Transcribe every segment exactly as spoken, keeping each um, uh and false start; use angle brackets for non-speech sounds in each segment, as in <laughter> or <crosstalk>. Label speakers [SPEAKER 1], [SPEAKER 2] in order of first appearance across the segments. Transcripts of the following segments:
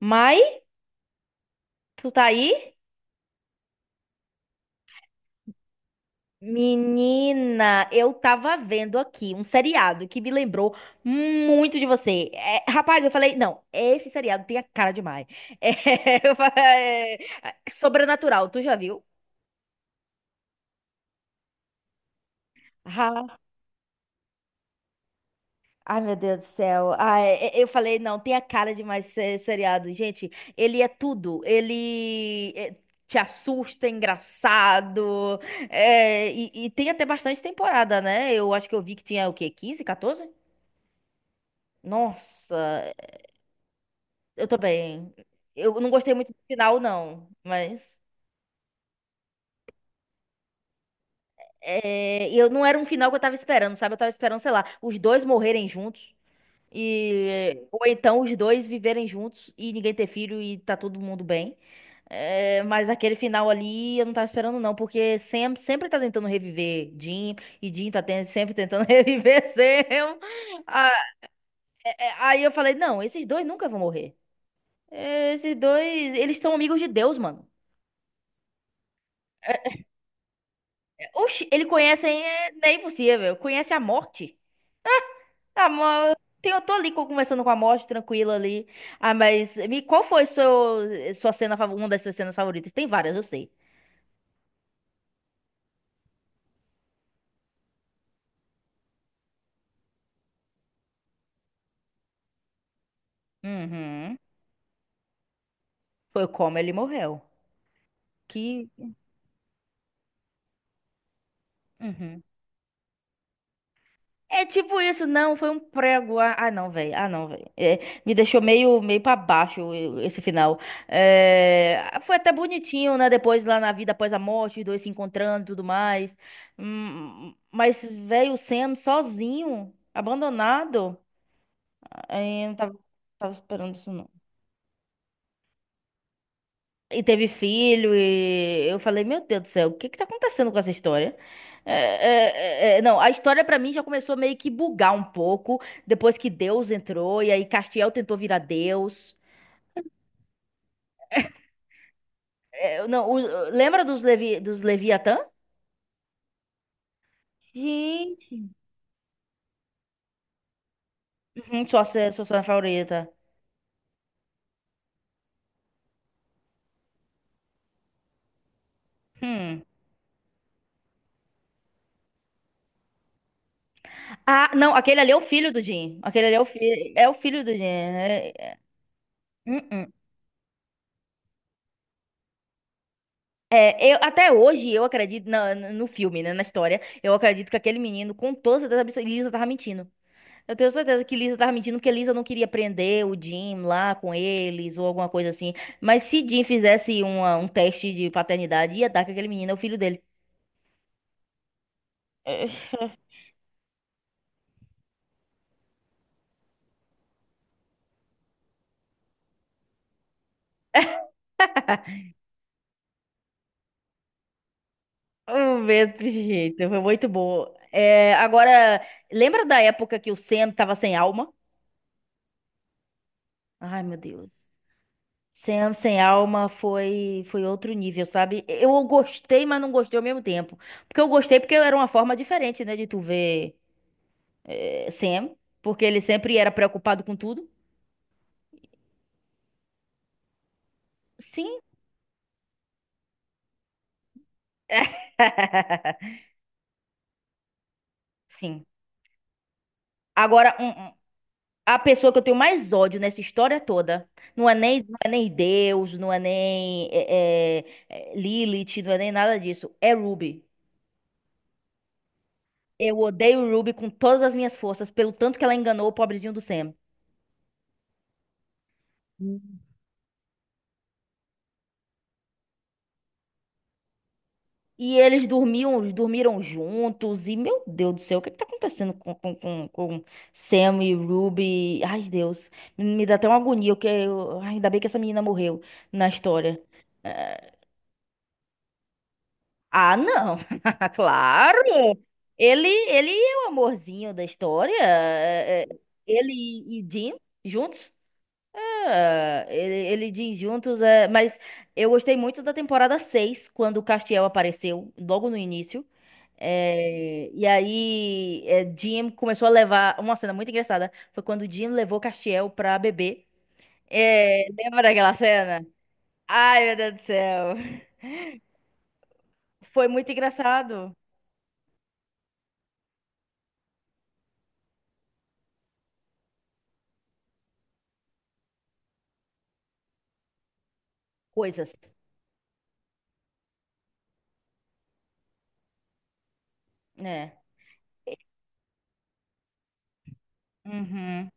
[SPEAKER 1] Mai, tu tá aí? Menina, eu tava vendo aqui um seriado que me lembrou muito de você. É, rapaz, eu falei, não, esse seriado tem a cara de Mai. É, <laughs> eu fa- é, Sobrenatural, tu já viu? Ah, ai, meu Deus do céu. Ai, e- eu falei, não, tem a cara de mais se- seriado. Gente, ele é tudo. Ele é, te assusta, é engraçado. é, e, e tem até bastante temporada, né? Eu acho que eu vi que tinha o quê? Quinze, quatorze? Nossa, eu também. Eu não gostei muito do final, não. Mas. É, e eu não era um final que eu tava esperando, sabe? Eu tava esperando, sei lá, os dois morrerem juntos. E, ou então os dois viverem juntos e ninguém ter filho e tá todo mundo bem. É, mas aquele final ali eu não tava esperando, não, porque Sam sempre tá tentando reviver Jim e Jim tá ten- sempre tentando <laughs> reviver Sam. Ah, é, aí eu falei, não, esses dois nunca vão morrer. Esses dois, eles são amigos de Deus, mano. Oxi, ele conhece, hein? É, não é impossível. Conhece a morte? Ah, mas eu tô ali co- conversando com a morte, tranquila ali. Ah, mas me, qual foi seu, sua cena, favo- uma das suas cenas favoritas? Tem várias, eu sei. Uhum. Foi como ele morreu. Que. Uhum. É tipo isso, não, foi um prego. Ah, ah, não, velho. Ah, não, velho. É, me deixou meio, meio pra baixo eu- esse final. É, foi até bonitinho, né? Depois lá na vida após a morte, os dois se encontrando e tudo mais. Hum, mas veio o Sam sozinho, abandonado. Aí eu não tava, tava esperando isso. E teve filho, e eu falei, meu Deus do céu, o que que tá acontecendo com essa história? É, é, é, é, não, a história pra mim já começou meio que bugar um pouco depois que Deus entrou e aí Castiel tentou virar Deus. Eu não, o- lembra dos Levi, dos Leviatã? Gente. Uhum, sua, ce- sua cena favorita. Hum. Ah, não, aquele ali é o filho do Jim. Aquele ali é o filho, é o filho do Jim. É, é, hum, hum. É, eu, até hoje eu acredito na- na- no filme, né, na história, eu acredito que aquele menino, com toda certeza absoluta, Lisa tava mentindo. Eu tenho certeza que Lisa tava mentindo, porque Lisa não queria prender o Jim lá com eles ou alguma coisa assim. Mas se Jim fizesse uma- um teste de paternidade, ia dar que aquele menino é o filho dele. <laughs> É, o mesmo jeito, foi muito bom. É, agora, lembra da época que o Sam tava sem alma? Ai, meu Deus. Sam sem alma foi foi outro nível, sabe? Eu gostei, mas não gostei ao mesmo tempo. Porque eu gostei porque era uma forma diferente, né, de tu ver eh, Sam, porque ele sempre era preocupado com tudo. Sim. <laughs> Sim. Agora, um- um- a pessoa que eu tenho mais ódio nessa história toda não é nem, não é nem Deus, não é nem eh, eh, eh, Lilith, não é nem nada disso. É Ruby. Eu odeio Ruby com todas as minhas forças, pelo tanto que ela enganou o pobrezinho do Sam. E eles dormiam, dormiram juntos. E, meu Deus do céu, o que que tá acontecendo com, com, com, com Sam e Ruby? Ai, Deus. Me dá até uma agonia, porque eu, ai, ainda bem que essa menina morreu na história. É, ah, não. <laughs> Claro. Ele, ele é o amorzinho da história. É, é, Ele e Jim juntos. Ah, Ele, ele diz juntos, é, mas eu gostei muito da temporada seis quando o Castiel apareceu, logo no início. É, e aí, é, Jim começou a levar. Uma cena muito engraçada foi quando Jim levou Castiel pra beber. É, lembra daquela cena? Ai, meu Deus do céu. Foi muito engraçado. Coisas, né? Uhum.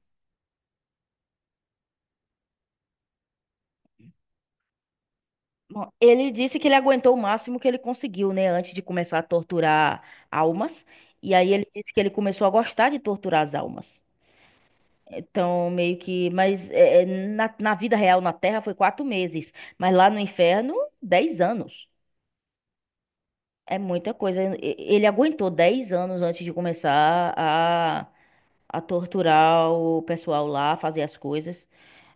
[SPEAKER 1] Bom, ele disse que ele aguentou o máximo que ele conseguiu, né, antes de começar a torturar almas. E aí ele disse que ele começou a gostar de torturar as almas. Então, meio que. Mas é, é, na, na vida real, na Terra, foi quatro meses. Mas lá no inferno, dez anos. É muita coisa. E- Ele aguentou dez anos antes de começar a, a torturar o pessoal lá, fazer as coisas.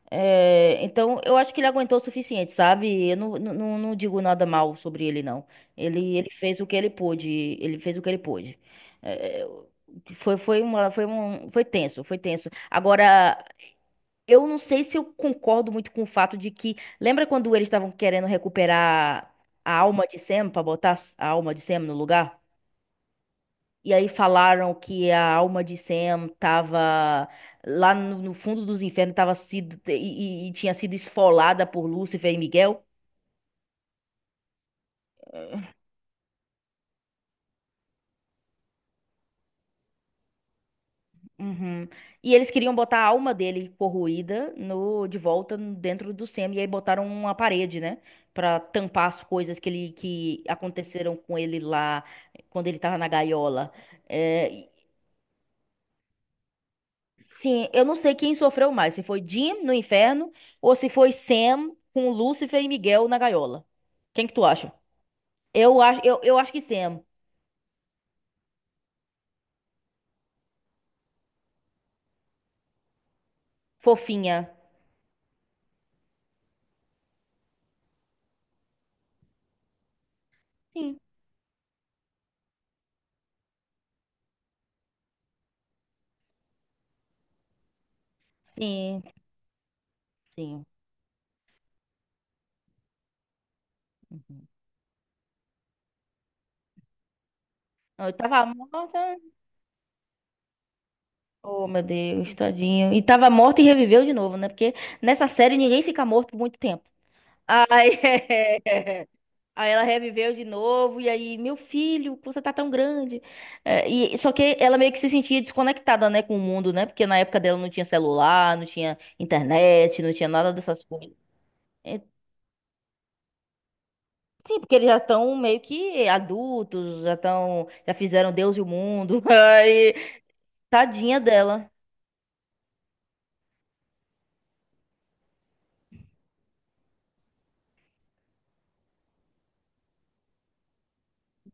[SPEAKER 1] É, então, eu acho que ele aguentou o suficiente, sabe? Eu não, não, não não digo nada mal sobre ele, não. Ele, ele fez o que ele pôde. Ele fez o que ele pôde. É, foi, foi uma, foi um, foi tenso, foi tenso. Agora, eu não sei se eu concordo muito com o fato de que. Lembra quando eles estavam querendo recuperar a alma de Sam pra botar a alma de Sam no lugar? E aí falaram que a alma de Sam tava lá no, no fundo dos infernos, tava sido e, e- e tinha sido esfolada por Lúcifer e Miguel. Uhum. E eles queriam botar a alma dele corroída no de volta no- dentro do Sam e aí botaram uma parede, né, pra tampar as coisas que ele que aconteceram com ele lá quando ele tava na gaiola. É, sim, eu não sei quem sofreu mais, se foi Jim no inferno ou se foi Sam com Lúcifer e Miguel na gaiola. Quem que tu acha? Eu acho, eu, eu acho que Sam, fofinha. Sim, sim, sim. Uhum. Não, eu tava morta. Oh, meu Deus, tadinho. E tava morta e reviveu de novo, né? Porque nessa série ninguém fica morto por muito tempo. Ai, <laughs> aí ela reviveu de novo, e aí, meu filho, você tá tão grande. É, e, só que ela meio que se sentia desconectada, né, com o mundo, né? Porque na época dela não tinha celular, não tinha internet, não tinha nada dessas coisas. É, sim, porque eles já estão meio que adultos, já estão, já fizeram Deus e o mundo. <laughs> Aí, tadinha dela,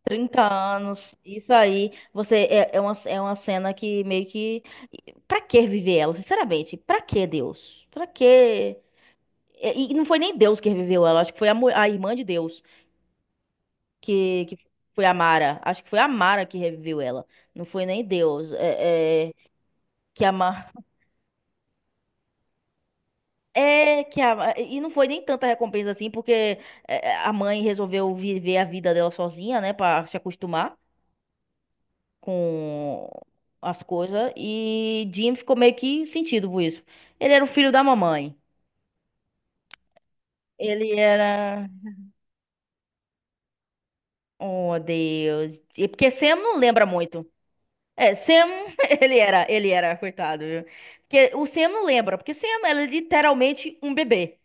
[SPEAKER 1] trinta anos, isso aí. Você é, é uma, é uma cena que meio que. Pra que viver ela, sinceramente? Pra que Deus? Pra que. E, e não foi nem Deus que reviveu ela, acho que foi a, mu- a irmã de Deus que, que foi a Mara. Acho que foi a Mara que reviveu ela. Não foi nem Deus. É, é, que a Ma- É, que a. E não foi nem tanta recompensa assim, porque é, é, a mãe resolveu viver a vida dela sozinha, né, pra se acostumar com as coisas. E Jim ficou meio que sentido por isso. Ele era o filho da mamãe. Ele era. Oh, Deus. E porque Sam não lembra muito. É, Sam, <laughs> ele era, ele era, coitado, viu? Porque o Sam não lembra, porque Sam é literalmente um bebê.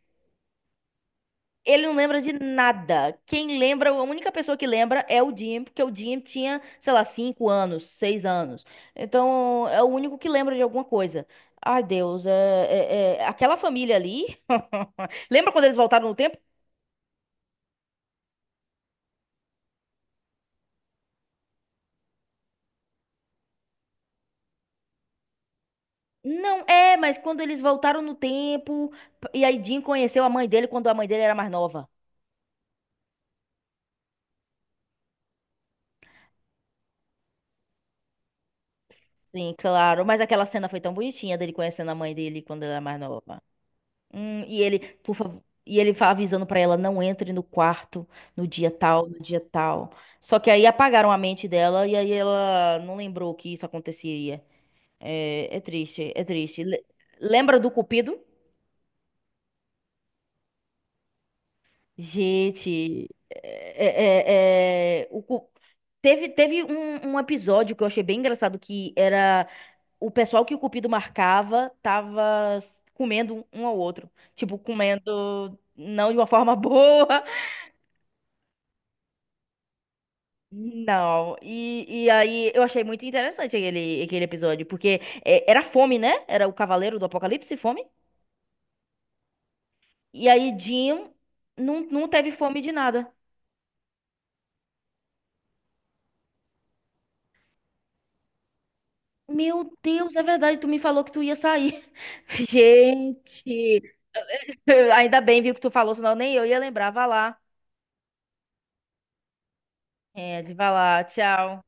[SPEAKER 1] Ele não lembra de nada. Quem lembra, a única pessoa que lembra é o Jim, porque o Jim tinha, sei lá, cinco anos, seis anos. Então, é o único que lembra de alguma coisa. Ai, Deus, é, é- é- aquela família ali. <laughs> Lembra quando eles voltaram no tempo? Não, é, mas quando eles voltaram no tempo, e aí Jim conheceu a mãe dele quando a mãe dele era mais nova. Sim, claro. Mas aquela cena foi tão bonitinha dele conhecendo a mãe dele quando ela era mais nova. Hum, e ele, por favor, e ele fa- avisando pra ela, não entre no quarto no dia tal, no dia tal. Só que aí apagaram a mente dela e aí ela não lembrou que isso aconteceria. É, é triste, é triste. Le- lembra do Cupido? Gente, é, é- é- é, o cu- teve, teve um, um episódio que eu achei bem engraçado, que era o pessoal que o Cupido marcava tava s- comendo um um ao outro. Tipo, comendo não de uma forma <laughs> boa. Não. E, e aí eu achei muito interessante aquele, aquele episódio, porque é, era fome, né? Era o Cavaleiro do Apocalipse, fome. E aí Jim não, não teve fome de nada. Meu Deus, é verdade, tu me falou que tu ia sair. Gente, <laughs> ainda bem, viu, que tu falou, senão nem eu ia lembrar. Vá lá. É, de vá lá. Tchau.